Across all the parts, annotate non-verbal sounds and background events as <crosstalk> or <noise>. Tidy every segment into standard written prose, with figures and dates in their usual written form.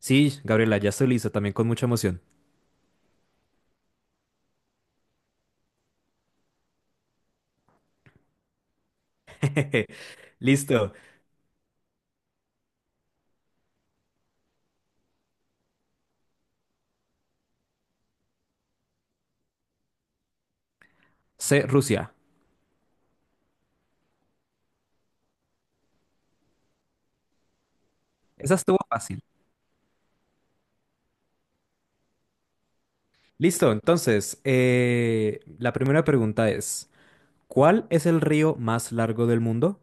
Sí, Gabriela, ya estoy listo, también con mucha emoción. <laughs> Listo. C, Rusia. Esa estuvo fácil. Listo, entonces, la primera pregunta es, ¿cuál es el río más largo del mundo?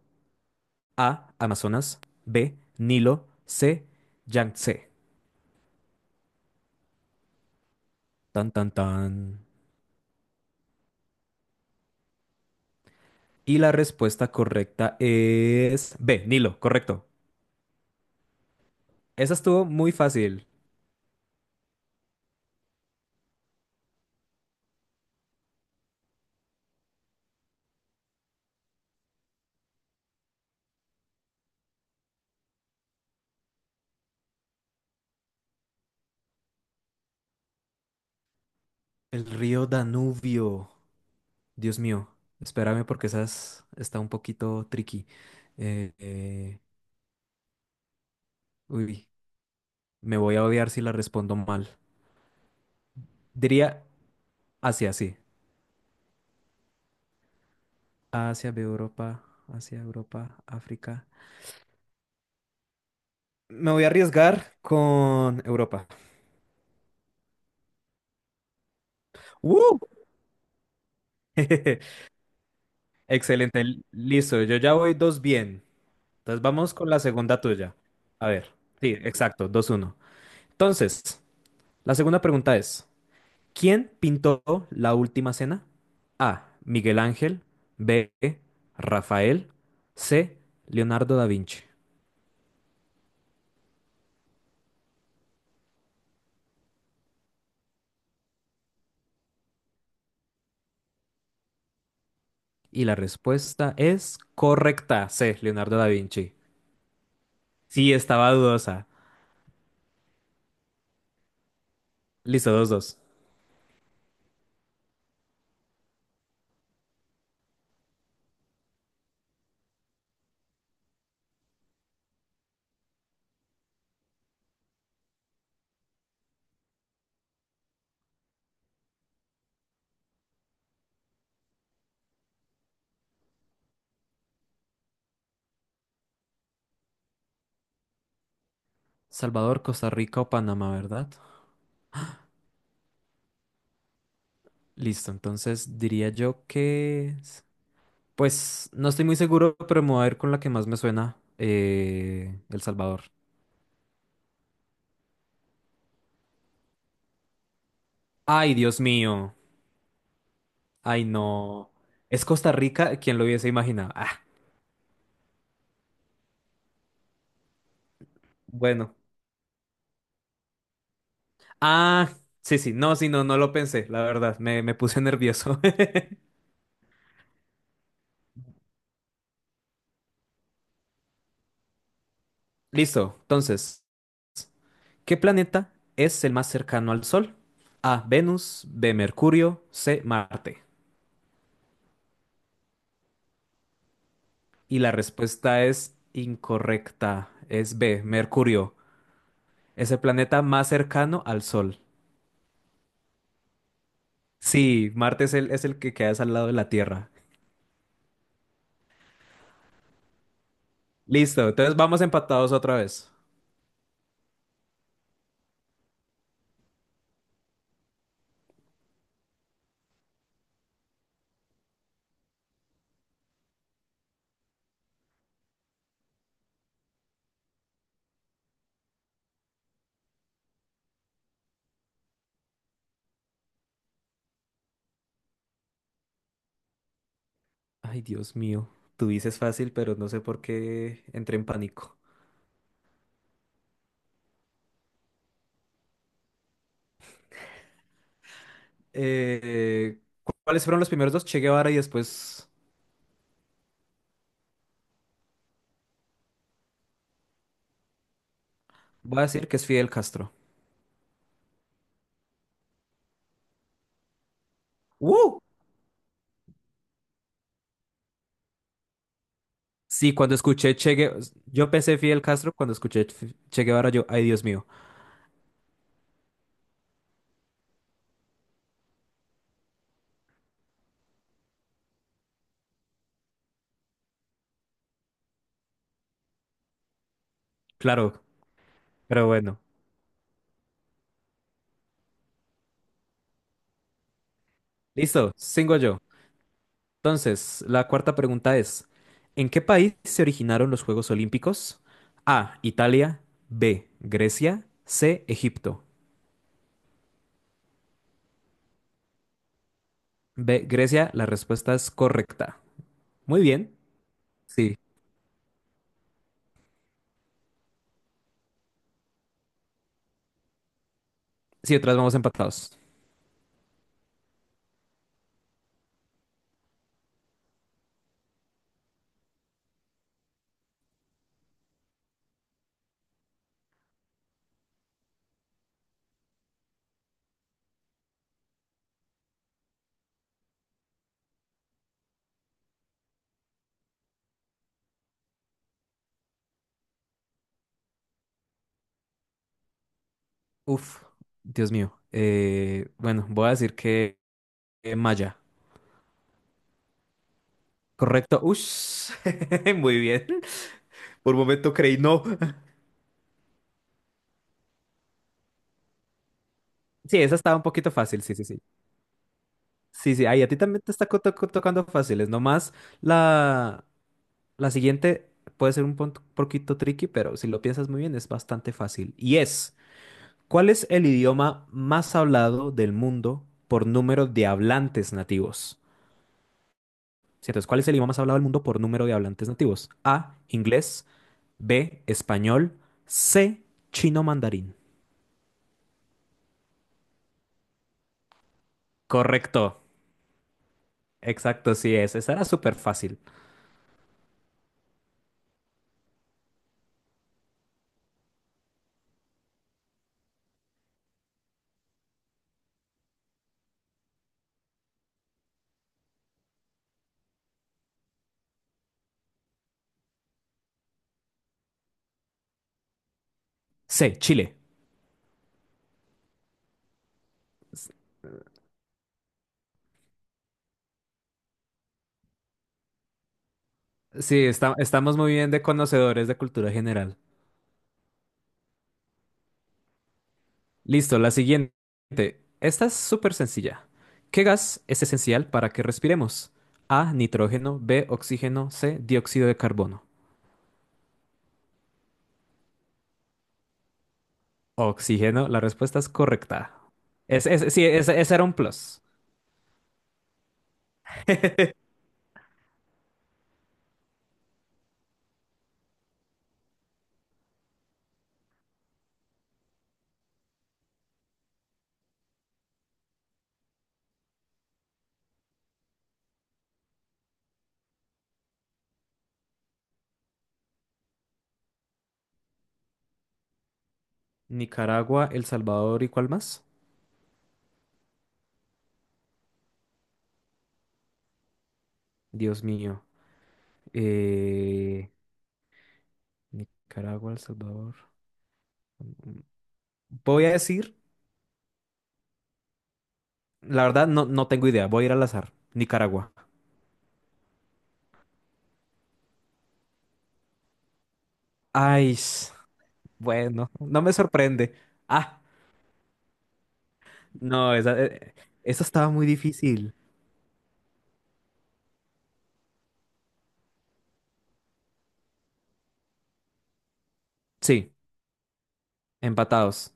A, Amazonas, B, Nilo, C, Yangtze. Tan, tan, tan. Y la respuesta correcta es B, Nilo, correcto. Esa estuvo muy fácil. El río Danubio. Dios mío, espérame porque esas está un poquito tricky. Eh, eh, uy, me voy a odiar si la respondo mal. Diría Asia, sí. Asia, Europa, Asia, Europa, África. Me voy a arriesgar con Europa. ¡Uh! <laughs> Excelente, listo. Yo ya voy dos bien. Entonces vamos con la segunda tuya. A ver, sí, exacto, dos uno. Entonces, la segunda pregunta es. ¿Quién pintó la última cena? A, Miguel Ángel. B, Rafael. C, Leonardo da Vinci. Y la respuesta es correcta. C, Leonardo da Vinci. Sí, estaba dudosa. Listo, dos, dos. Salvador, Costa Rica o Panamá, ¿verdad? Listo, entonces diría yo que... pues no estoy muy seguro, pero me voy a ir con la que más me suena. El Salvador. Ay, Dios mío. Ay, no. Es Costa Rica, quien lo hubiese imaginado. Ah, bueno. Ah, sí, sí. No, sí, no, no lo pensé, la verdad. Me puse nervioso. <laughs> Listo. Entonces, ¿qué planeta es el más cercano al Sol? A, Venus, B, Mercurio, C, Marte. Y la respuesta es incorrecta. Es B, Mercurio. Es el planeta más cercano al Sol. Sí, Marte es el que queda al lado de la Tierra. Listo, entonces vamos empatados otra vez. Ay, Dios mío. Tú dices fácil, pero no sé por qué entré en pánico. ¿Cuáles fueron los primeros dos? Che Guevara y después voy a decir que es Fidel Castro. ¡Uh! Sí, cuando escuché Che Guevara, yo pensé Fidel Castro, cuando escuché Che Guevara, yo, ay, Dios mío. Claro, pero bueno. Listo, sigo yo. Entonces, la cuarta pregunta es, ¿en qué país se originaron los Juegos Olímpicos? A, Italia, B, Grecia, C, Egipto. B, Grecia, la respuesta es correcta. Muy bien. Sí. Sí, otras vamos empatados. Uf, Dios mío. Bueno, voy a decir que Maya. Correcto. Ush. <laughs> Muy bien. Por un momento creí no. Sí, esa estaba un poquito fácil. Sí, sí, sí. Sí, sí. Ahí a ti también te está tocando fáciles. Nomás la, la siguiente puede ser un poquito tricky, pero si lo piensas muy bien es bastante fácil. Y es, ¿cuál es el idioma más hablado del mundo por número de hablantes nativos? Sí, entonces, ¿cuál es el idioma más hablado del mundo por número de hablantes nativos? A, inglés, B, español, C, chino mandarín. Correcto. Exacto, sí es. Esa era súper fácil. C, Chile. S- sí, estamos muy bien de conocedores de cultura general. Listo, la siguiente. Esta es súper sencilla. ¿Qué gas es esencial para que respiremos? A, nitrógeno, B, oxígeno, C, dióxido de carbono. Oxígeno, la respuesta es correcta. Sí, ese era un plus. Nicaragua, El Salvador y ¿cuál más? Dios mío. Eh, Nicaragua, El Salvador. Voy a decir, la verdad no, no tengo idea, voy a ir al azar. Nicaragua. Ay, bueno, no me sorprende. Ah, no, esa, esa estaba muy difícil. Sí, empatados.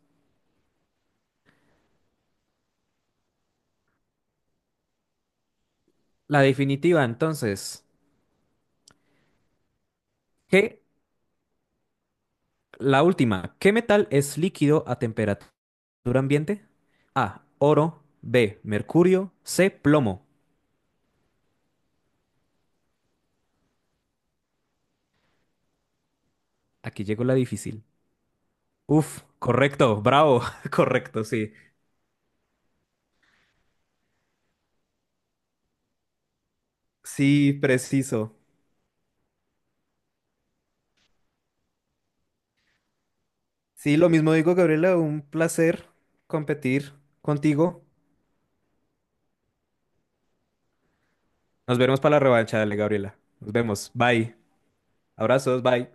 La definitiva, entonces. ¿Qué? La última. ¿Qué metal es líquido a temperatura ambiente? A, oro. B, mercurio. C, plomo. Aquí llegó la difícil. Uf, correcto, bravo, <laughs> correcto, sí. Sí, preciso. Sí, lo mismo digo, Gabriela, un placer competir contigo. Nos veremos para la revancha, dale, Gabriela. Nos vemos, bye. Abrazos, bye.